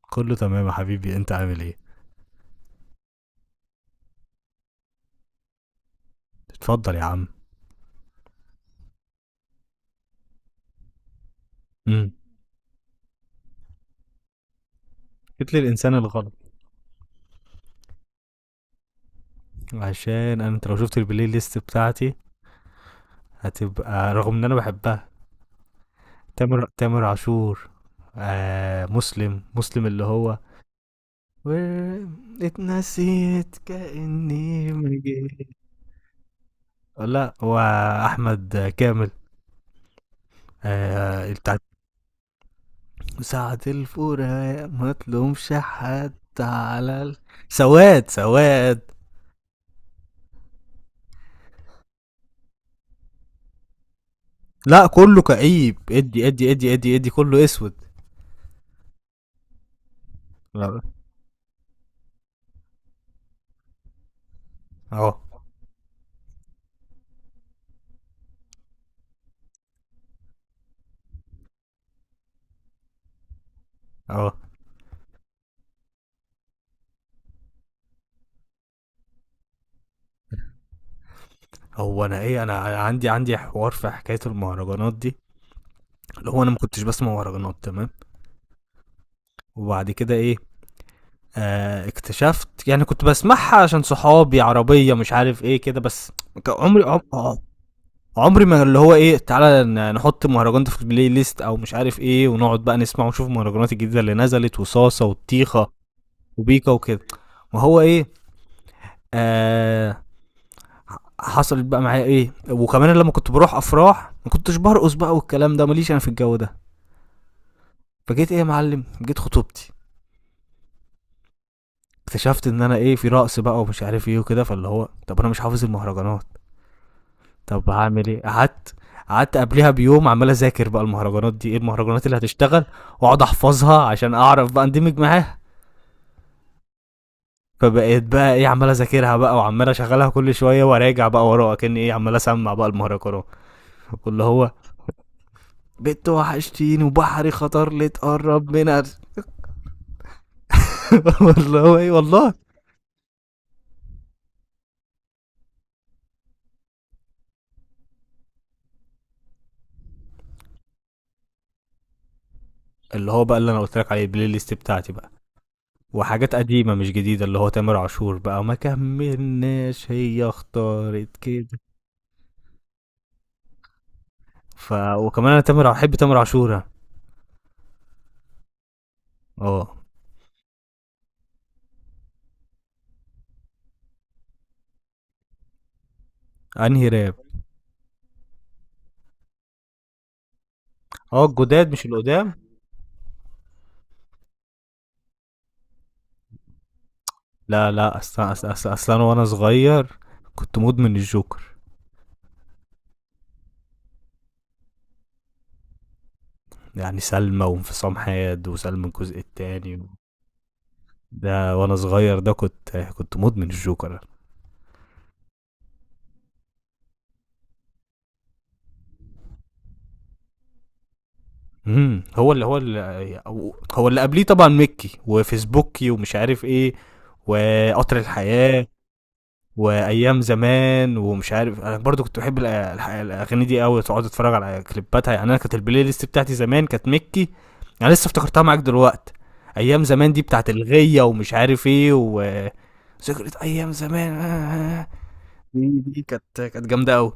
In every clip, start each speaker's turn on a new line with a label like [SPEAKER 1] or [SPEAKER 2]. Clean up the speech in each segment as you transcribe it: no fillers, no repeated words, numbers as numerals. [SPEAKER 1] كله تمام يا حبيبي، انت عامل ايه؟ اتفضل يا عم. امم. جيت للانسان الغلط. عشان انا، انت لو شفت البلاي ليست بتاعتي هتبقى رغم ان انا بحبها. تامر عاشور. مسلم اللي هو و... اتنسيت كأني ما جيت. لا، هو احمد كامل. بتاع ساعة الفراق ما تلومش حد. على ال... سواد سواد. لا، كله كئيب، ادي ادي ادي ادي ادي، كله اسود. لا، اهو اهو. هو انا ايه، انا عندي حوار في حكايه المهرجانات دي، اللي هو انا ما كنتش بسمع مهرجانات تمام. وبعد كده ايه، اكتشفت يعني كنت بسمعها عشان صحابي، عربيه مش عارف ايه كده بس. ك- عمري عم... آه، عمري ما اللي هو ايه تعالى نحط مهرجان ده في البلاي ليست او مش عارف ايه، ونقعد بقى نسمع ونشوف المهرجانات الجديده اللي نزلت، وصاصه وطيخه وبيكا وكده. ما هو ايه، آه حصلت بقى معايا ايه، وكمان لما كنت بروح افراح ما كنتش برقص بقى، والكلام ده ماليش انا في الجو ده. فجيت ايه يا معلم، جيت خطوبتي، اكتشفت ان انا ايه، في رقص بقى ومش عارف ايه وكده، فاللي هو طب انا مش حافظ المهرجانات. طب هعمل ايه؟ قعدت، قعدت قبلها بيوم عمال اذاكر بقى المهرجانات دي، ايه المهرجانات اللي هتشتغل، واقعد احفظها عشان اعرف بقى اندمج معاها. فبقيت بقى ايه، عمال اذاكرها بقى وعمال اشغلها كل شويه وراجع بقى وراها، كان ايه عمال اسمع بقى المهرجانات، واللي هو بنت وحشتيني وبحري خطر لي تقرب من أر- والله ايه والله. اللي هو بقى اللي انا قلت لك عليه البلاي ليست بتاعتي بقى، وحاجات قديمه مش جديده، اللي هو تامر عاشور بقى، ما كملناش، هي اختارت كده. ف وكمان انا تامر، احب تامر عاشور أنا. اه. انهي راب؟ اه الجداد مش القدام. لا لا، اصلا اصلا أصل انا وانا صغير كنت مدمن الجوكر، يعني سلمى وانفصام حاد وسلمى الجزء التاني، ده وانا صغير ده كنت مدمن الجوكر. امم هو اللي هو اللي هو اللي قبليه طبعا مكي وفيسبوكي ومش عارف ايه، وقطر الحياة وايام زمان ومش عارف. انا برضو كنت بحب الاغاني دي قوي، تقعد اتفرج على كليباتها. يعني انا كانت البلاي ليست بتاعتي زمان كانت مكي، انا لسه افتكرتها معاك دلوقتي. ايام زمان دي بتاعت الغية ومش عارف ايه، ذكرى ايام زمان. دي كانت جامدة قوي.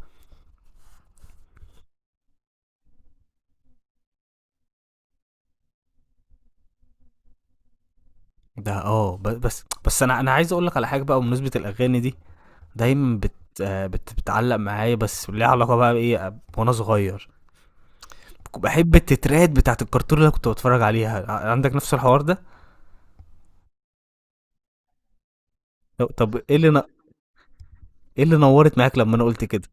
[SPEAKER 1] ده اه، بس انا عايز اقول لك على حاجة بقى بمناسبة الاغاني دي، دايما بتعلق معايا، بس ليها علاقة بقى بإيه، وأنا صغير. بحب التترات بتاعة الكرتون اللي أنا كنت بتفرج عليها، عندك نفس الحوار ده؟ طب إيه اللي إيه اللي نورت معاك لما أنا قلت كده؟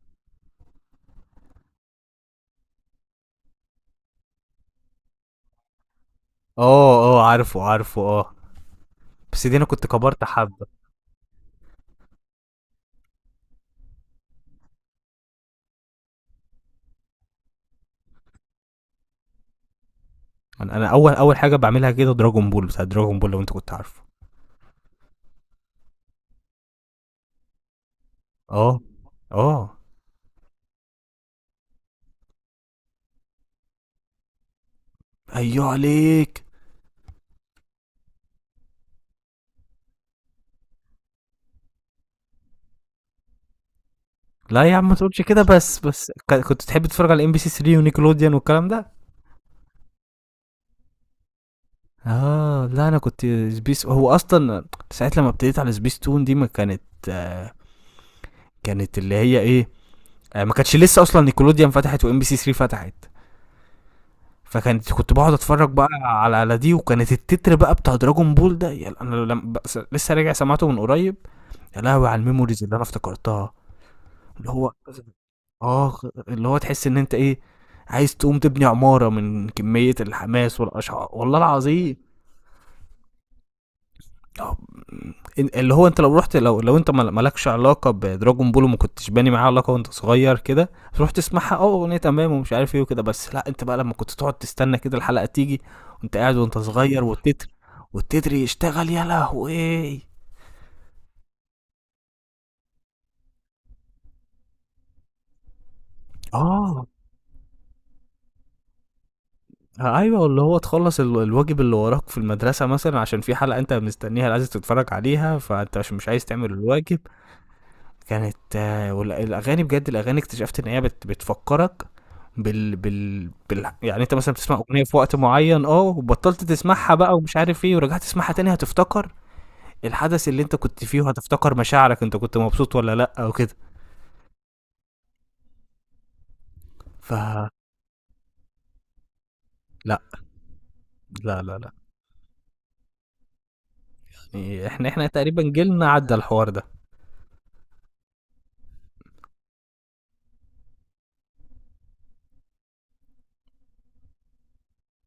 [SPEAKER 1] آه آه، عارفه عارفه، آه، بس دي أنا كنت كبرت حبة. أنا أول أول حاجة بعملها كده دراجون بول، بتاع دراجون بول لو أنت كنت عارفه. آه، آه. أيوه عليك. لا يا عم ما تقولش كده. بس كنت تحب تتفرج على ام بي سي 3 ونيكلوديان والكلام ده. اه لا انا كنت سبيس، هو اصلا ساعه لما ابتديت على سبيس تون دي ما كانت، آه كانت اللي هي ايه، ما كانتش لسه اصلا نيكولوديان فتحت وام بي سي 3 فتحت. فكانت كنت بقعد اتفرج بقى على على دي، وكانت التتر بقى بتاع دراجون بول ده، يا انا لما لسه راجع سمعته من قريب، يا لهوي على الميموريز اللي انا افتكرتها. اللي هو، اه اللي هو تحس ان انت ايه، عايز تقوم تبني عمارة من كمية الحماس والاشعار، والله العظيم. آه، اللي هو، انت لو رحت، لو انت مالكش علاقه بدراجون بول، وما كنتش باني معاه علاقه وانت صغير كده، تروح تسمعها اه اغنيه تمام ومش عارف ايه وكده، بس لا انت بقى لما كنت تقعد تستنى كده الحلقه تيجي، وانت قاعد وانت صغير، والتتر، والتتر يشتغل، يا لهوي. اه ايوه، اللي هو تخلص الواجب اللي وراك في المدرسه مثلا، عشان في حلقه انت مستنيها عايز تتفرج عليها، فانت عشان مش عايز تعمل الواجب، كانت آه، والاغاني بجد، الاغاني اكتشفت ان هي بتفكرك بال بال بال يعني، انت مثلا بتسمع اغنيه في وقت معين اه، وبطلت تسمعها بقى ومش عارف ايه، ورجعت تسمعها تاني، هتفتكر الحدث اللي انت كنت فيه، وهتفتكر مشاعرك، انت كنت مبسوط ولا لا او كده. ف لا لا لا لا، يعني احنا تقريبا جيلنا عدى الحوار ده.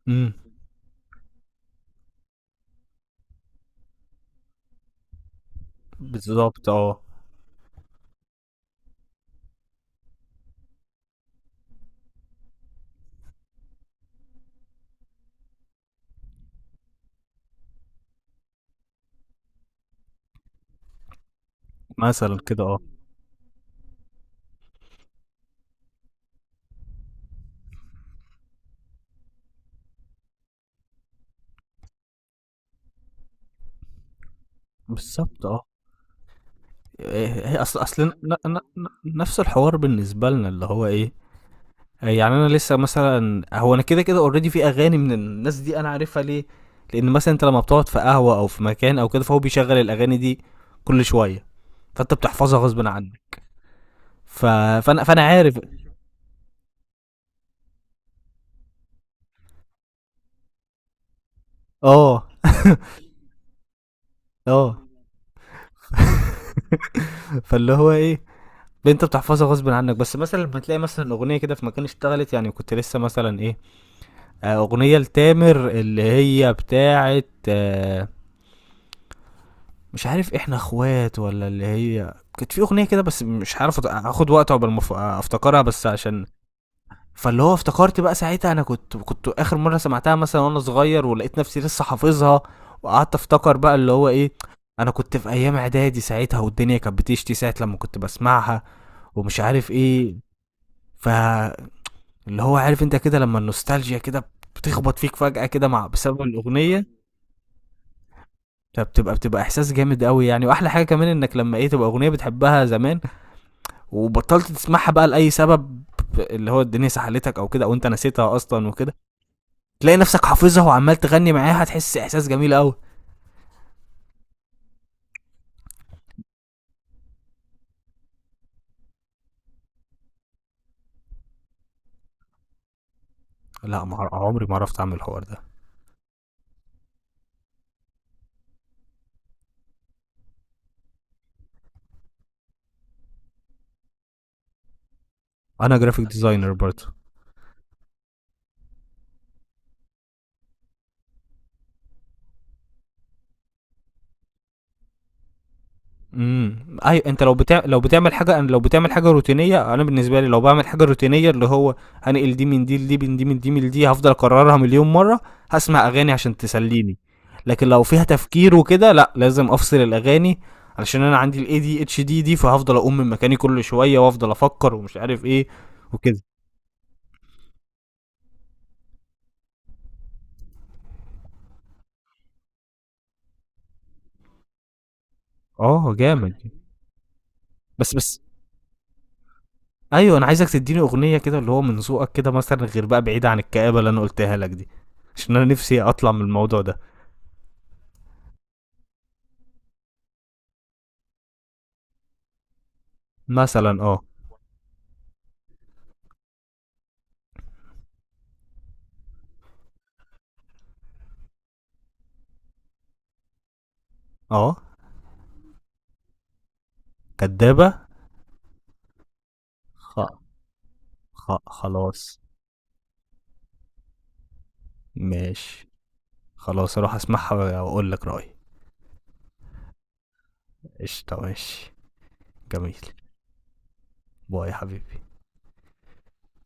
[SPEAKER 1] امم، بالظبط اه. مثلا كده اه. بالظبط اه. إيه- هي اصل، نفس الحوار بالنسبه لنا، اللي هو ايه، يعني انا لسه مثلا، هو انا كده كده اوريدي في اغاني من الناس دي انا عارفها، ليه؟ لان مثلا انت لما بتقعد في قهوه او في مكان او كده، فهو بيشغل الاغاني دي كل شويه، فانت بتحفظها غصب عنك. ف... فانا فانا عارف. اه اه فاللي هو ايه، انت بتحفظها غصب عنك، بس مثلا لما تلاقي مثلا اغنيه كده في مكان اشتغلت، يعني كنت لسه مثلا ايه، اغنيه لتامر اللي هي بتاعه، آه، مش عارف احنا اخوات ولا، اللي هي كانت في اغنيه كده بس مش عارف، اخد وقت عقبال ما افتكرها، بس عشان فاللي هو افتكرت بقى ساعتها، انا كنت، كنت اخر مره سمعتها مثلا وانا صغير، ولقيت نفسي لسه حافظها، وقعدت افتكر بقى اللي هو ايه، انا كنت في ايام اعدادي ساعتها، والدنيا كانت بتشتي ساعه لما كنت بسمعها ومش عارف ايه، فاللي هو عارف انت كده لما النوستالجيا كده بتخبط فيك فجأة كده، بسبب الأغنية، فبتبقى إحساس جامد قوي يعني، وأحلى حاجة كمان إنك لما إيه تبقى أغنية بتحبها زمان وبطلت تسمعها بقى لاي سبب، اللي هو الدنيا سحلتك او كده، او انت نسيتها اصلا وكده، تلاقي نفسك حافظها وعمال تغني معاها، هتحس احساس جميل قوي. لا، ما عمري ما عرفت اعمل الحوار ده. انا جرافيك ديزاينر برضه. ايوه، انت لو لو بتعمل حاجه، أنا لو بتعمل حاجه روتينيه، انا بالنسبه لي لو بعمل حاجه روتينيه، اللي هو هنقل دي من دي لدي من دي من دي من دي، هفضل اكررها مليون مره، هسمع اغاني عشان تسليني. لكن لو فيها تفكير وكده، لا لازم افصل الاغاني، علشان انا عندي الاي دي اتش دي دي، فهفضل اقوم من مكاني كل شويه وافضل افكر ومش عارف ايه وكده. اه جامد. بس ايوه، انا عايزك تديني اغنيه كده اللي هو من ذوقك كده مثلا، غير بقى بعيده عن الكآبه اللي انا قلتها لك دي، عشان انا نفسي اطلع من الموضوع ده. مثلا اه. اه. كدابة. خ... خلاص. ماشي، خلاص اروح اسمعها واقول لك رأيي. قشطة، ماشي، جميل. باي يا حبيبي.